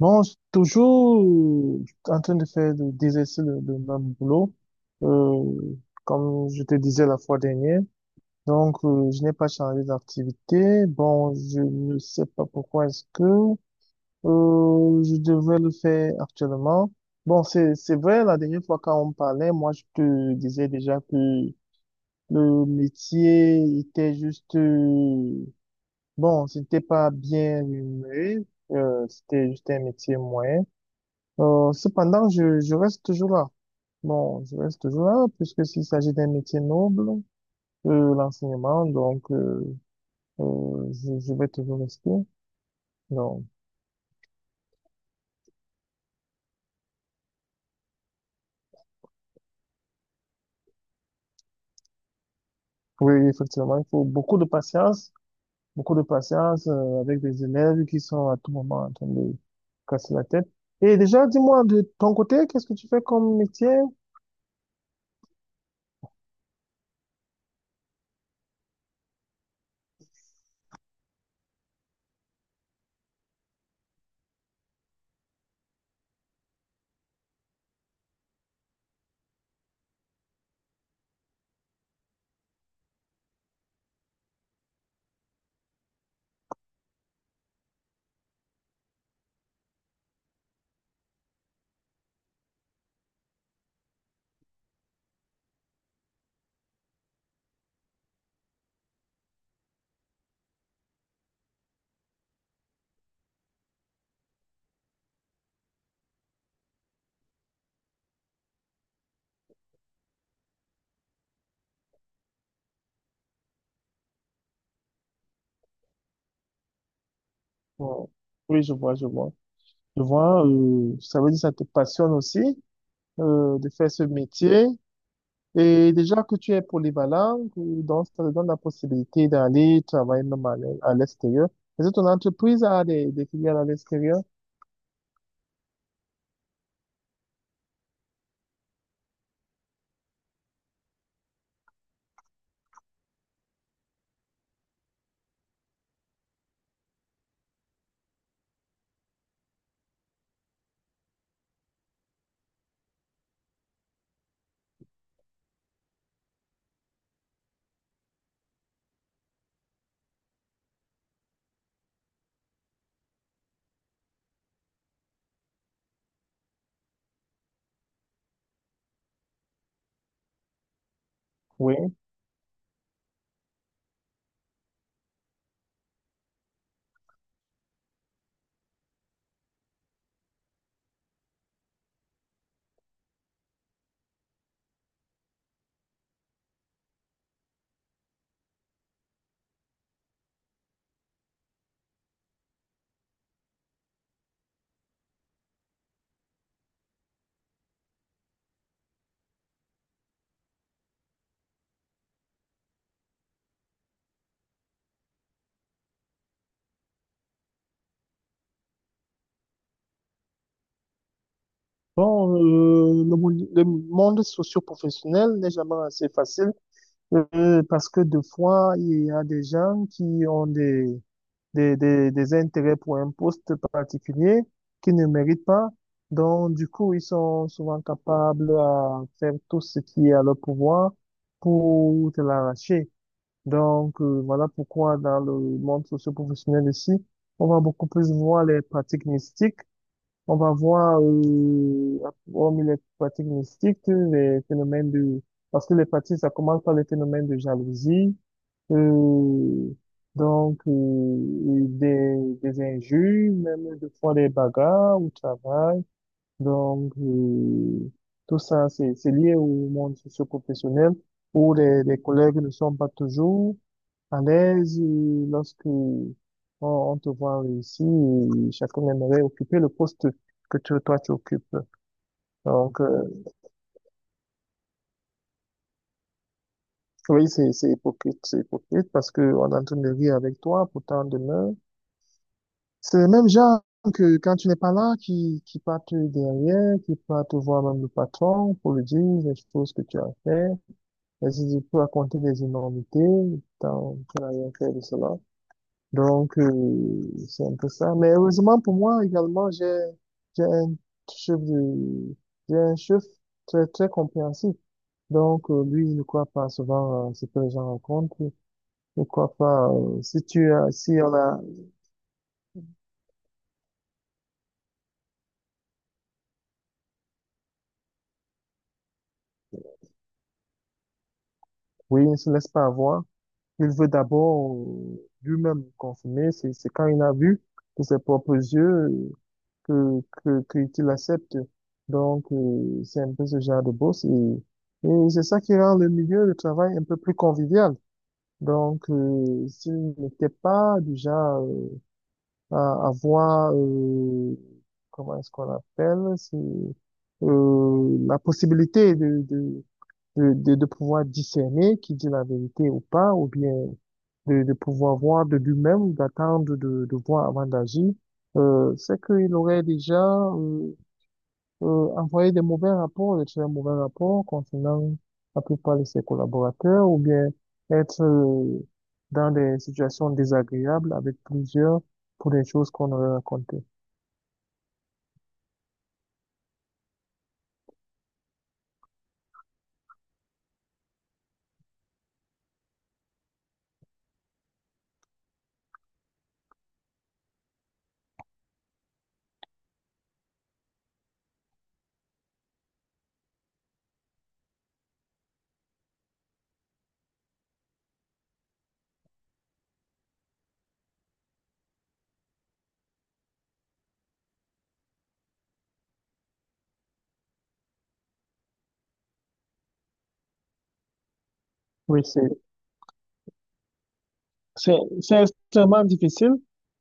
Non, je suis toujours en train de faire d'exercer le même boulot, euh, comme je te disais la fois dernière. Donc, je n'ai pas changé d'activité. Bon, je ne sais pas pourquoi est-ce que je devrais le faire actuellement. Bon, c'est vrai, la dernière fois quand on parlait, moi, je te disais déjà que le métier était bon, c'était pas bien rémunéré, c'était juste un métier moyen. Cependant, je reste toujours là. Bon, je reste toujours là, puisque s'il s'agit d'un métier noble, l'enseignement, donc je vais toujours rester. Donc, oui, effectivement, il faut beaucoup de patience avec des élèves qui sont à tout moment en train de casser la tête. Et déjà, dis-moi, de ton côté, qu'est-ce que tu fais comme métier? Bon, oui, je vois, je vois. Je vois, ça veut dire que ça te passionne aussi de faire ce métier. Et déjà que tu es polyvalent, que- donc ça te donne la possibilité d'aller travailler même à à l'extérieur. Est-ce que ton entreprise a des filiales à l'extérieur? Oui. Bon, le monde socio-professionnel n'est jamais assez facile parce que des fois, il y a des gens qui ont des intérêts pour un poste particulier qui ne méritent pas. Donc, du coup, ils sont souvent capables à faire tout ce qui est à leur pouvoir pour te l'arracher. Donc, voilà pourquoi dans le monde socio-professionnel ici, on va beaucoup plus voir les pratiques mystiques. On va voir, hormis les pratiques mystiques, les phénomènes de... Parce que les pratiques, ça commence par les phénomènes de jalousie, euh, et des injures, même des fois des bagarres au travail. Donc, tout ça, c'est lié au monde socio-professionnel où les collègues ne sont pas toujours à l'aise et lorsque on te voit réussir, et chacun aimerait occuper le poste que toi tu occupes. Donc, oui, c'est hypocrite parce que on est en train de rire avec toi, pourtant demain, c'est le même genre que quand tu n'es pas là, qui partent derrière, qui partent voir même le patron pour lui dire les choses que tu as fait, et si tu peux raconter des énormités, tant tu n'as rien fait de cela. Donc, c'est un peu ça. Mais heureusement pour moi également, j'ai un chef de, j'ai un chef très, très compréhensif. Donc, lui, il ne croit pas souvent à ce que les gens rencontrent. Il ne croit pas, si tu as, si on a, oui, il ne se laisse pas avoir. Il veut d'abord lui-même consommer. C'est quand il a vu de ses propres yeux qu'il accepte. Donc, c'est un peu ce genre de boss et c'est ça qui rend le milieu de travail un peu plus convivial. Donc, s'il n'était pas du genre à avoir, comment est-ce qu'on appelle, la possibilité de pouvoir discerner qui dit la vérité ou pas, ou bien de pouvoir voir de lui-même, d'attendre de voir avant d'agir, c'est qu'il aurait déjà euh, envoyer des mauvais rapports, de très mauvais rapports concernant la plupart de ses collaborateurs, ou bien être dans des situations désagréables avec plusieurs pour des choses qu'on aurait racontées. Oui, c'est, c'est extrêmement difficile.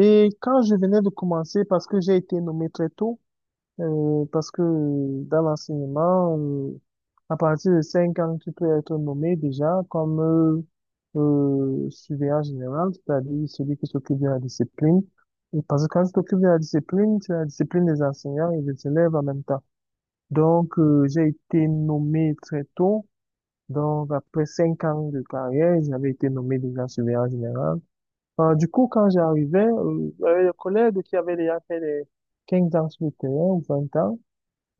Et quand je venais de commencer, parce que j'ai été nommé très tôt. Parce que dans l'enseignement, à partir de 5 ans, tu peux être nommé déjà comme surveillant général, c'est-à-dire celui qui s'occupe de la discipline. Et parce que quand tu t'occupes de la discipline, tu as la discipline des enseignants et des élèves en même temps. Donc, j'ai été nommé très tôt. Donc, après 5 ans de carrière, j'avais été nommé déjà surveillant général. Du coup, quand j'arrivais, j'avais des collègues qui avaient déjà fait des 15 ans sur le terrain ou 20 ans,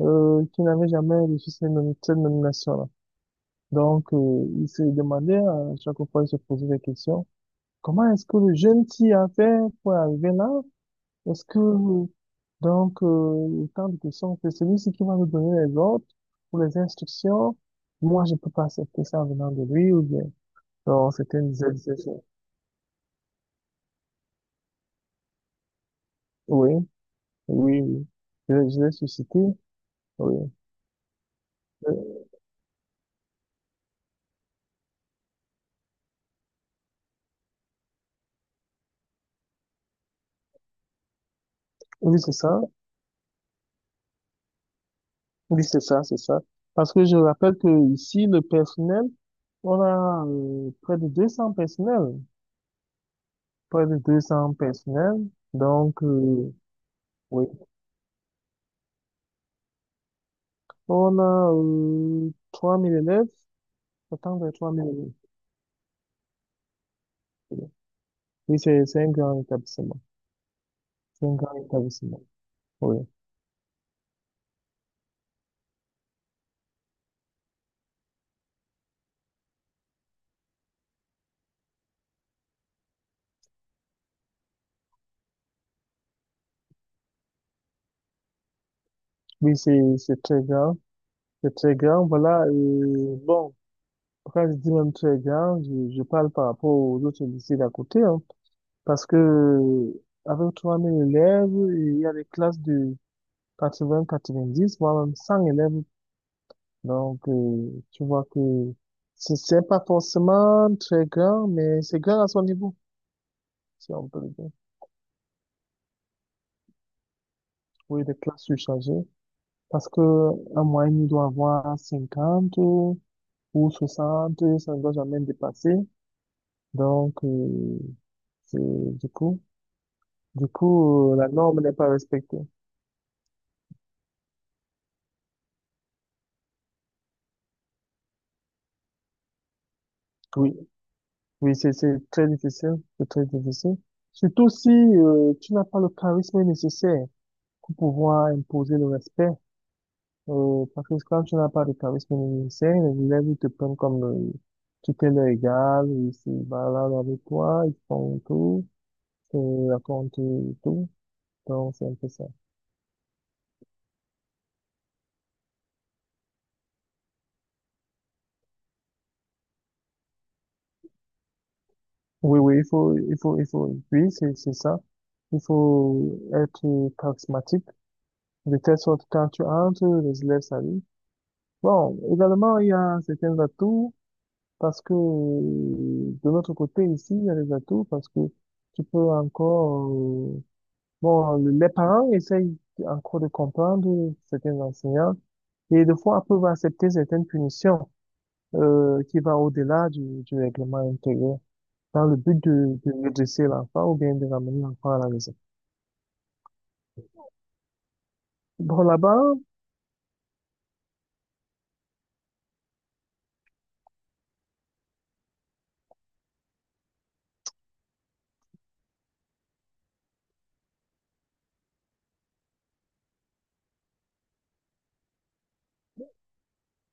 qui n'avait jamais reçu cette, cette nomination-là. Donc, il se demandait, à chaque fois, il se posait des questions. Comment est-ce que le jeune s'y a fait pour arriver là? Est-ce que, Tant de questions, c'est celui-ci qui va nous donner les ordres ou les instructions. Moi, je peux pas accepter ça venant de lui ou bien. Non, c'était une ZZZ. Oui, oui, oui. Je l'ai suscité. Oui, Euh, oui, c'est ça. Oui, c'est ça, c'est ça. Parce que je rappelle que ici, le personnel, on a près de 200 personnels. Près de deux cents personnels. Donc, oui. On a 3000 élèves. Autant de 3000 élèves. Oui, c'est un grand établissement. C'est un grand établissement. Oui. Oui, c'est très grand. C'est très grand. Voilà. Bon, quand je dis même très grand, je parle par rapport aux autres lycées d'à côté, hein. Parce que avec 3000 élèves, il y a des classes de 80, 90, voire même 100 élèves. Donc, tu vois que c'est pas forcément très grand, mais c'est grand à son niveau, si on peut le dire. Oui, des classes surchargées. Parce que en moyenne, il doit avoir 50 ou 60, ça ne doit jamais dépasser. Donc, c'est, du coup, du coup, la norme n'est pas respectée. Oui, oui, c'est très difficile, c'est très difficile. Surtout si tu n'as pas le charisme nécessaire pour pouvoir imposer le respect. Parce que quand tu n'as pas le charisme nécessaire, les élèves ils te prennent comme tu t'es leur égal, ils se baladent avec toi, ils font tout, ils te racontent tout. Donc c'est un peu ça. Oui, oui, il faut, oui, c'est ça. Il faut être charismatique, de telle sorte que quand tu entres, les élèves saluent. Bon, également, il y a certains atouts parce que de notre côté ici, il y a des atouts parce que tu peux bon, les parents essayent encore de comprendre certains enseignants et des fois peuvent accepter certaines punitions qui va au-delà du règlement intérieur dans le but de redresser l'enfant ou bien de ramener l'enfant à la raison. Bon, là-bas,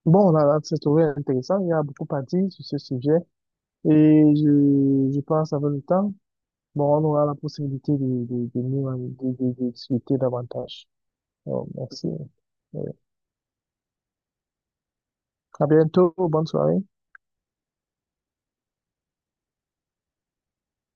bon, là, là, c'est trouvé intéressant. Il y a beaucoup à dire sur ce sujet et je pense avec le temps. Bon, on aura la possibilité de, nous en- de discuter davantage. Bon, merci. Euh, À bientôt, bonne soirée.